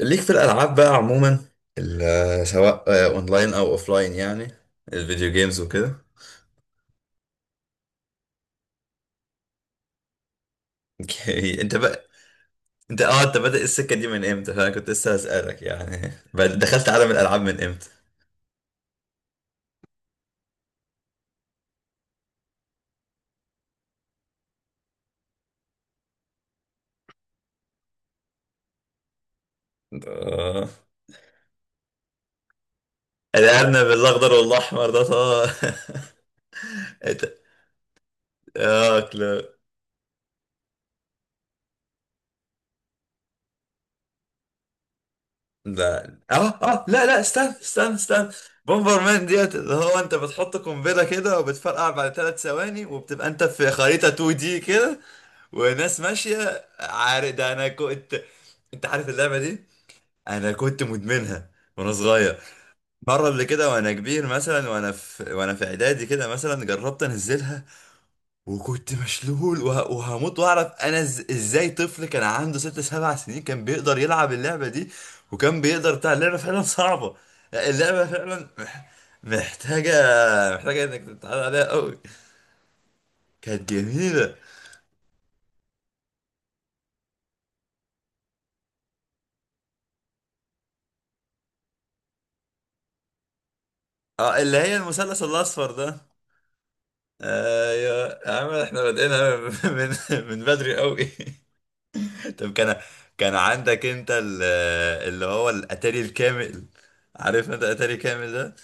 ليك في الالعاب بقى عموما. سواء اونلاين او اوفلاين يعني الفيديو جيمز وكده. اوكي انت بقى. انت بادئ السكه دي من امتى؟ فانا كنت لسه هسالك يعني. دخلت عالم الالعاب من امتى؟ اه. الارنب الاخضر والاحمر ده طبعا. انت اه كلو. لا، اه اه لا لا، استنى استنى استنى. بومبر مان ديت اللي هو انت بتحط قنبله كده وبتفرقع بعد 3 ثواني وبتبقى انت في خريطه 2 دي كده وناس ماشية، عارف ده انا كنت. انت عارف اللعبة دي؟ انا كنت مدمنها وانا صغير. مرة اللي كده وانا كبير مثلا وانا في اعدادي كده، مثلا جربت انزلها وكنت مشلول وهموت واعرف انا، ازاي طفل كان عنده ست سبع سنين كان بيقدر يلعب اللعبة دي؟ وكان بيقدر، بتاع اللعبة فعلا صعبة. اللعبة فعلا محتاجة محتاجة. انك تتعود عليها قوي. كانت جميلة. اه، اللي هي المثلث الاصفر ده. آه يا يا عم، احنا بادئينها من من بدري قوي. طب كان عندك انت اللي هو الاتاري الكامل؟ عارف انت الاتاري كامل ده؟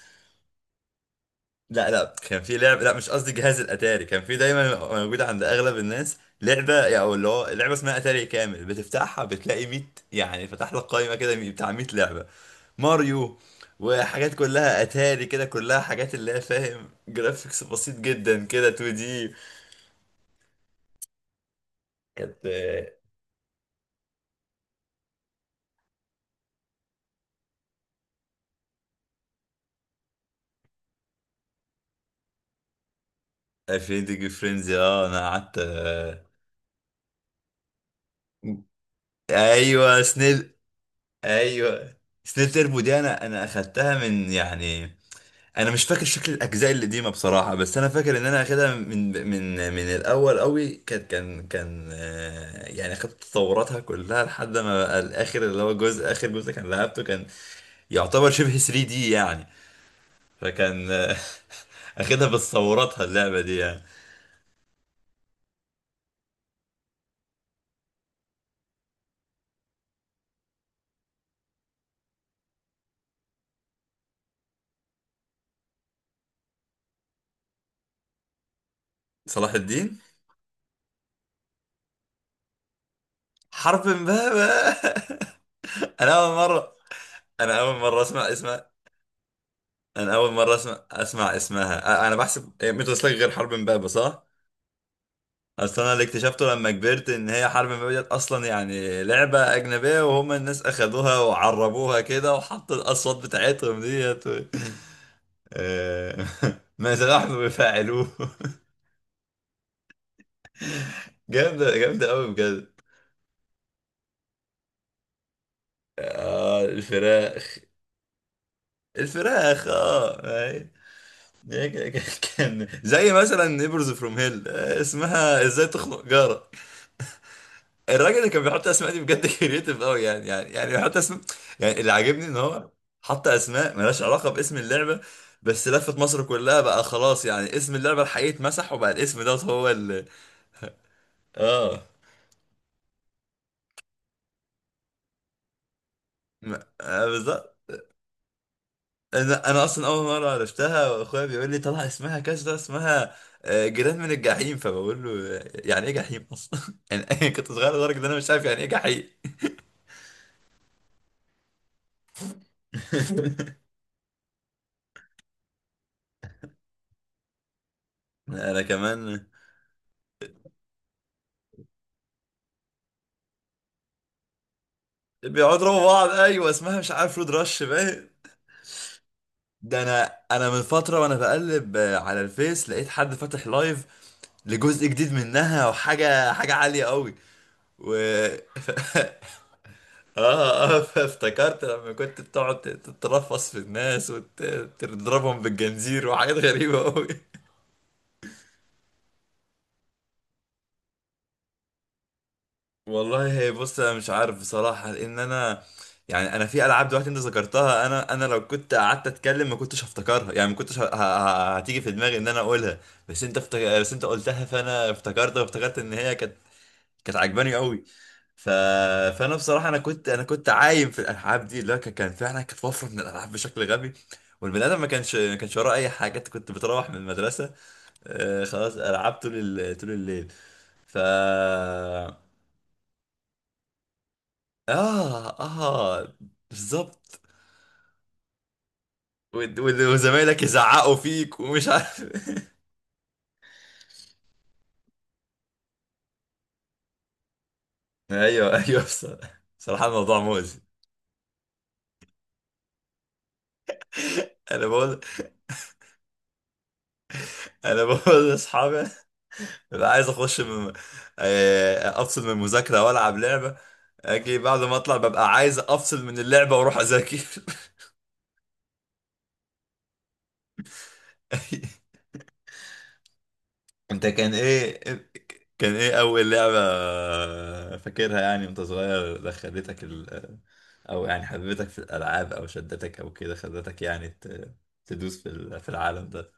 لا لا، كان في لعبه، لا مش قصدي، جهاز الاتاري كان في دايما موجوده عند اغلب الناس لعبه يعني، او اللي هو لعبه اسمها اتاري كامل، بتفتحها بتلاقي 100. يعني فتح لك قائمه كده بتاع 100 لعبه. ماريو وحاجات كلها اتاري كده، كلها حاجات اللي هي فاهم، جرافيكس بسيط جدا كده، 2 دي. كانت 20 ديجري فرينزي. اه انا قعدت ايوه سنيل. ايوه، سنيل تربو دي انا اخدتها من يعني، انا مش فاكر شكل الاجزاء القديمه بصراحه، بس انا فاكر ان انا اخدها من الاول قوي. كان يعني اخدت تطوراتها كلها لحد ما بقى الاخر، اللي هو جزء اخر جزء كان لعبته كان يعتبر شبه 3 دي يعني. فكان اخدها بتصوراتها اللعبه دي يعني. صلاح الدين. حرب امبابة انا اول مره انا اول مره اسمع اسمها. انا اول مره اسمع اسمها. انا بحسب هي ميتو سلاج غير حرب امبابه صح؟ اصل انا اللي اكتشفته لما كبرت ان هي حرب امبابه ديت اصلا يعني لعبه اجنبيه، وهم الناس اخدوها وعربوها كده وحطوا الاصوات بتاعتهم ديت آه، ما نحن بفاعلوه. جامده، جامده قوي بجد. آه الفراخ. الفراخ اه. أي. كان زي مثلا نيبرز فروم هيل، اسمها ازاي تخنق. الراجل اللي كان بيحط اسماء دي بجد كريتيف قوي يعني، يعني بيحط اسماء. يعني اللي عاجبني ان هو حط اسماء ملهاش علاقه باسم اللعبه، بس لفت مصر كلها بقى خلاص. يعني اسم اللعبه الحقيقي اتمسح وبقى الاسم دوت هو اللي. اه، م- بالظبط. انا اصلا اول مره عرفتها واخويا بيقول لي طلع اسمها كذا، اسمها جيران من الجحيم. فبقول له يعني ايه جحيم اصلا؟ يعني أنا كنت صغير لدرجه ان انا مش عارف يعني ايه جحيم. انا كمان. بيقعدوا يضربوا بعض ايوه، اسمها مش عارف، رود رش باين. ده انا من فتره وانا بقلب على الفيس، لقيت حد فاتح لايف لجزء جديد منها، وحاجه حاجه عاليه قوي. و اه فافتكرت لما كنت بتقعد تترفص في الناس وتضربهم بالجنزير وحاجات غريبه قوي. والله هي بص، انا مش عارف بصراحه، لان انا يعني انا في العاب دلوقتي انت ذكرتها، انا لو كنت قعدت اتكلم ما كنتش هفتكرها يعني، ما كنتش هتيجي في دماغي ان انا اقولها. بس انت قلتها فانا افتكرت، وافتكرت ان هي كانت عجباني قوي. ف... فانا بصراحه انا كنت عايم في الالعاب دي، اللي هو كان فعلا كانت وفره من الالعاب بشكل غبي، والبني ادم ما كانش وراه اي حاجه. انت كنت بتروح من المدرسه، آه خلاص العاب طول الليل. ف اه اه بالظبط. وزمايلك يزعقوا فيك ومش عارف ايوه ايوه، بصراحة الموضوع مؤذي. انا بقول انا بقول لاصحابي ببقى عايز اخش من... آه، افصل من المذاكره والعب لعبه. اجي بعد ما اطلع ببقى عايز افصل من اللعبه واروح اذاكر. انت كان ايه اول لعبه فاكرها يعني وانت صغير، دخلتك ال... آه، او يعني حببتك في الالعاب او شدتك او كده، خلتك يعني تدوس في العالم ده.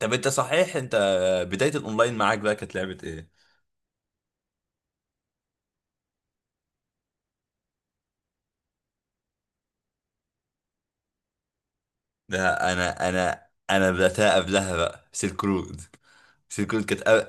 طب انت، صحيح انت بدايه الاونلاين معاك بقى كانت لعبه ايه؟ ده انا، انا بداتها قبلها بقى سيلك رود كانت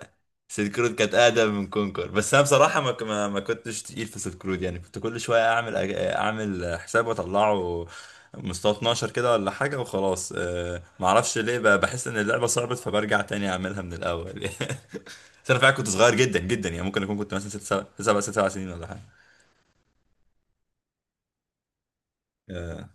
سيلك رود كانت اقدم من كونكر، بس انا بصراحه ما ك- ما ما كنتش تقيل في سيلك رود يعني. كنت كل شويه اعمل اعمل حساب واطلعه مستوى 12 كده ولا حاجه، وخلاص ما اعرفش ليه بحس ان اللعبه صعبت، فبرجع تاني اعملها من الاول يعني. بس انا فعلا كنت صغير جدا جدا يعني، ممكن اكون كنت مثلا ست سبع، سبع، ست سبع سنين ولا حاجه. اه.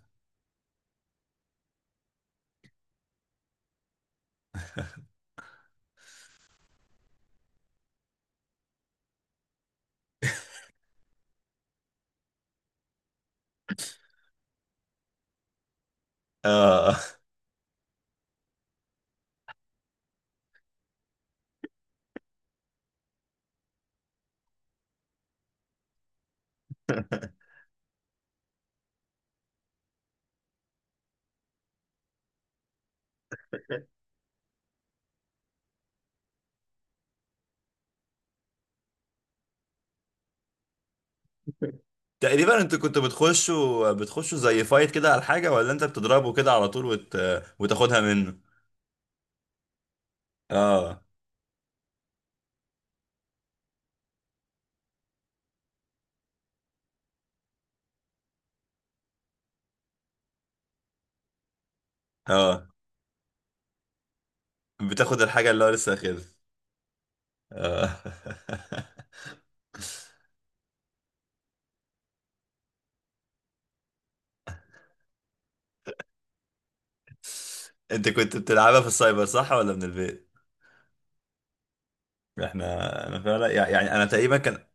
آه. تقريبا انتوا كنتوا بتخشوا زي فايت كده على حاجه، ولا انت بتضربه كده على طول وتاخدها منه؟ اه اه. بتاخد الحاجة اللي هو لسه اخدها. آه. انت كنت بتلعبها في السايبر صح ولا من البيت؟ احنا، انا فعلا يعني انا تقريبا كان،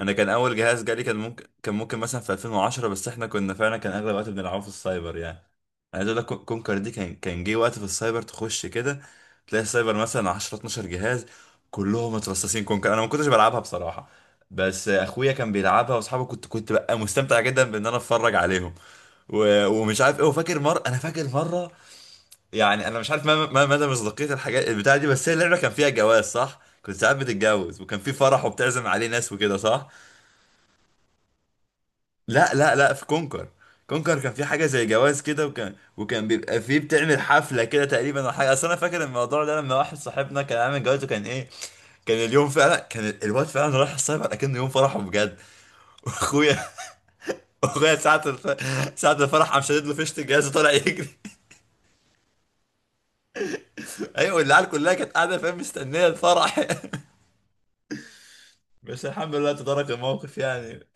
انا كان اول جهاز جالي كان ممكن مثلا في 2010، بس احنا كنا فعلا كان اغلب الوقت بنلعبه في السايبر يعني. عايز اقول لك كونكر دي كان جه وقت في السايبر تخش كده تلاقي السايبر مثلا 10 12 جهاز كلهم مترصصين كونكر. انا ما كنتش بلعبها بصراحة، بس اخويا كان بيلعبها واصحابي، كنت بقى مستمتع جدا بان انا اتفرج عليهم و... ومش عارف ايه. وفاكر مرة انا فاكر مرة يعني انا مش عارف ما مدى مصداقية الحاجات البتاعة دي، بس هي اللعبة كان فيها جواز صح؟ كنت ساعات بتتجوز وكان في فرح وبتعزم عليه ناس وكده صح؟ لا لا لا، في كونكر. كونكر كان في حاجه زي جواز كده، وكان بيبقى فيه بتعمل حفله كده تقريبا او حاجه. اصل انا فاكر الموضوع ده لما واحد صاحبنا كان عامل جواز، وكان ايه، كان اليوم فعلا، كان الواد فعلا رايح السايبر اكنه يوم فرحه بجد واخويا اخويا ساعه الف... ساعه الفرح قام شادد له فيشه الجهاز وطلع يجري ايوه العيال كلها كانت قاعده، فاهم، مستنيه الفرح بس الحمد لله تدارك الموقف يعني.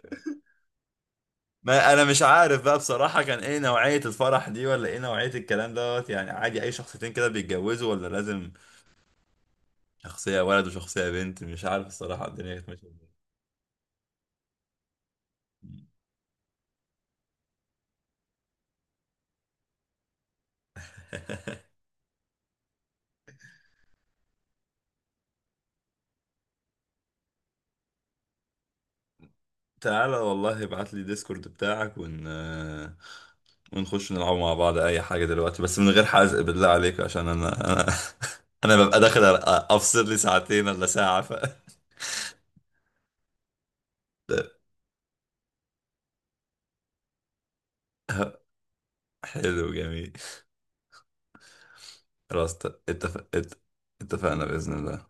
ما انا مش عارف بقى بصراحة كان ايه نوعية الفرح دي، ولا ايه نوعية الكلام دوت يعني. عادي اي شخصيتين كده بيتجوزوا، ولا لازم شخصية ولد وشخصية بنت؟ مش عارف الصراحة الدنيا كانت ماشية ازاي. تعالى والله، ابعت لي ديسكورد بتاعك ونخش نلعب مع بعض أي حاجة دلوقتي، بس من غير حزق بالله عليك، عشان أنا, أنا ببقى داخل أفصل لي ساعتين ولا ساعة حلو، جميل. خلاص اتفقنا بإذن الله.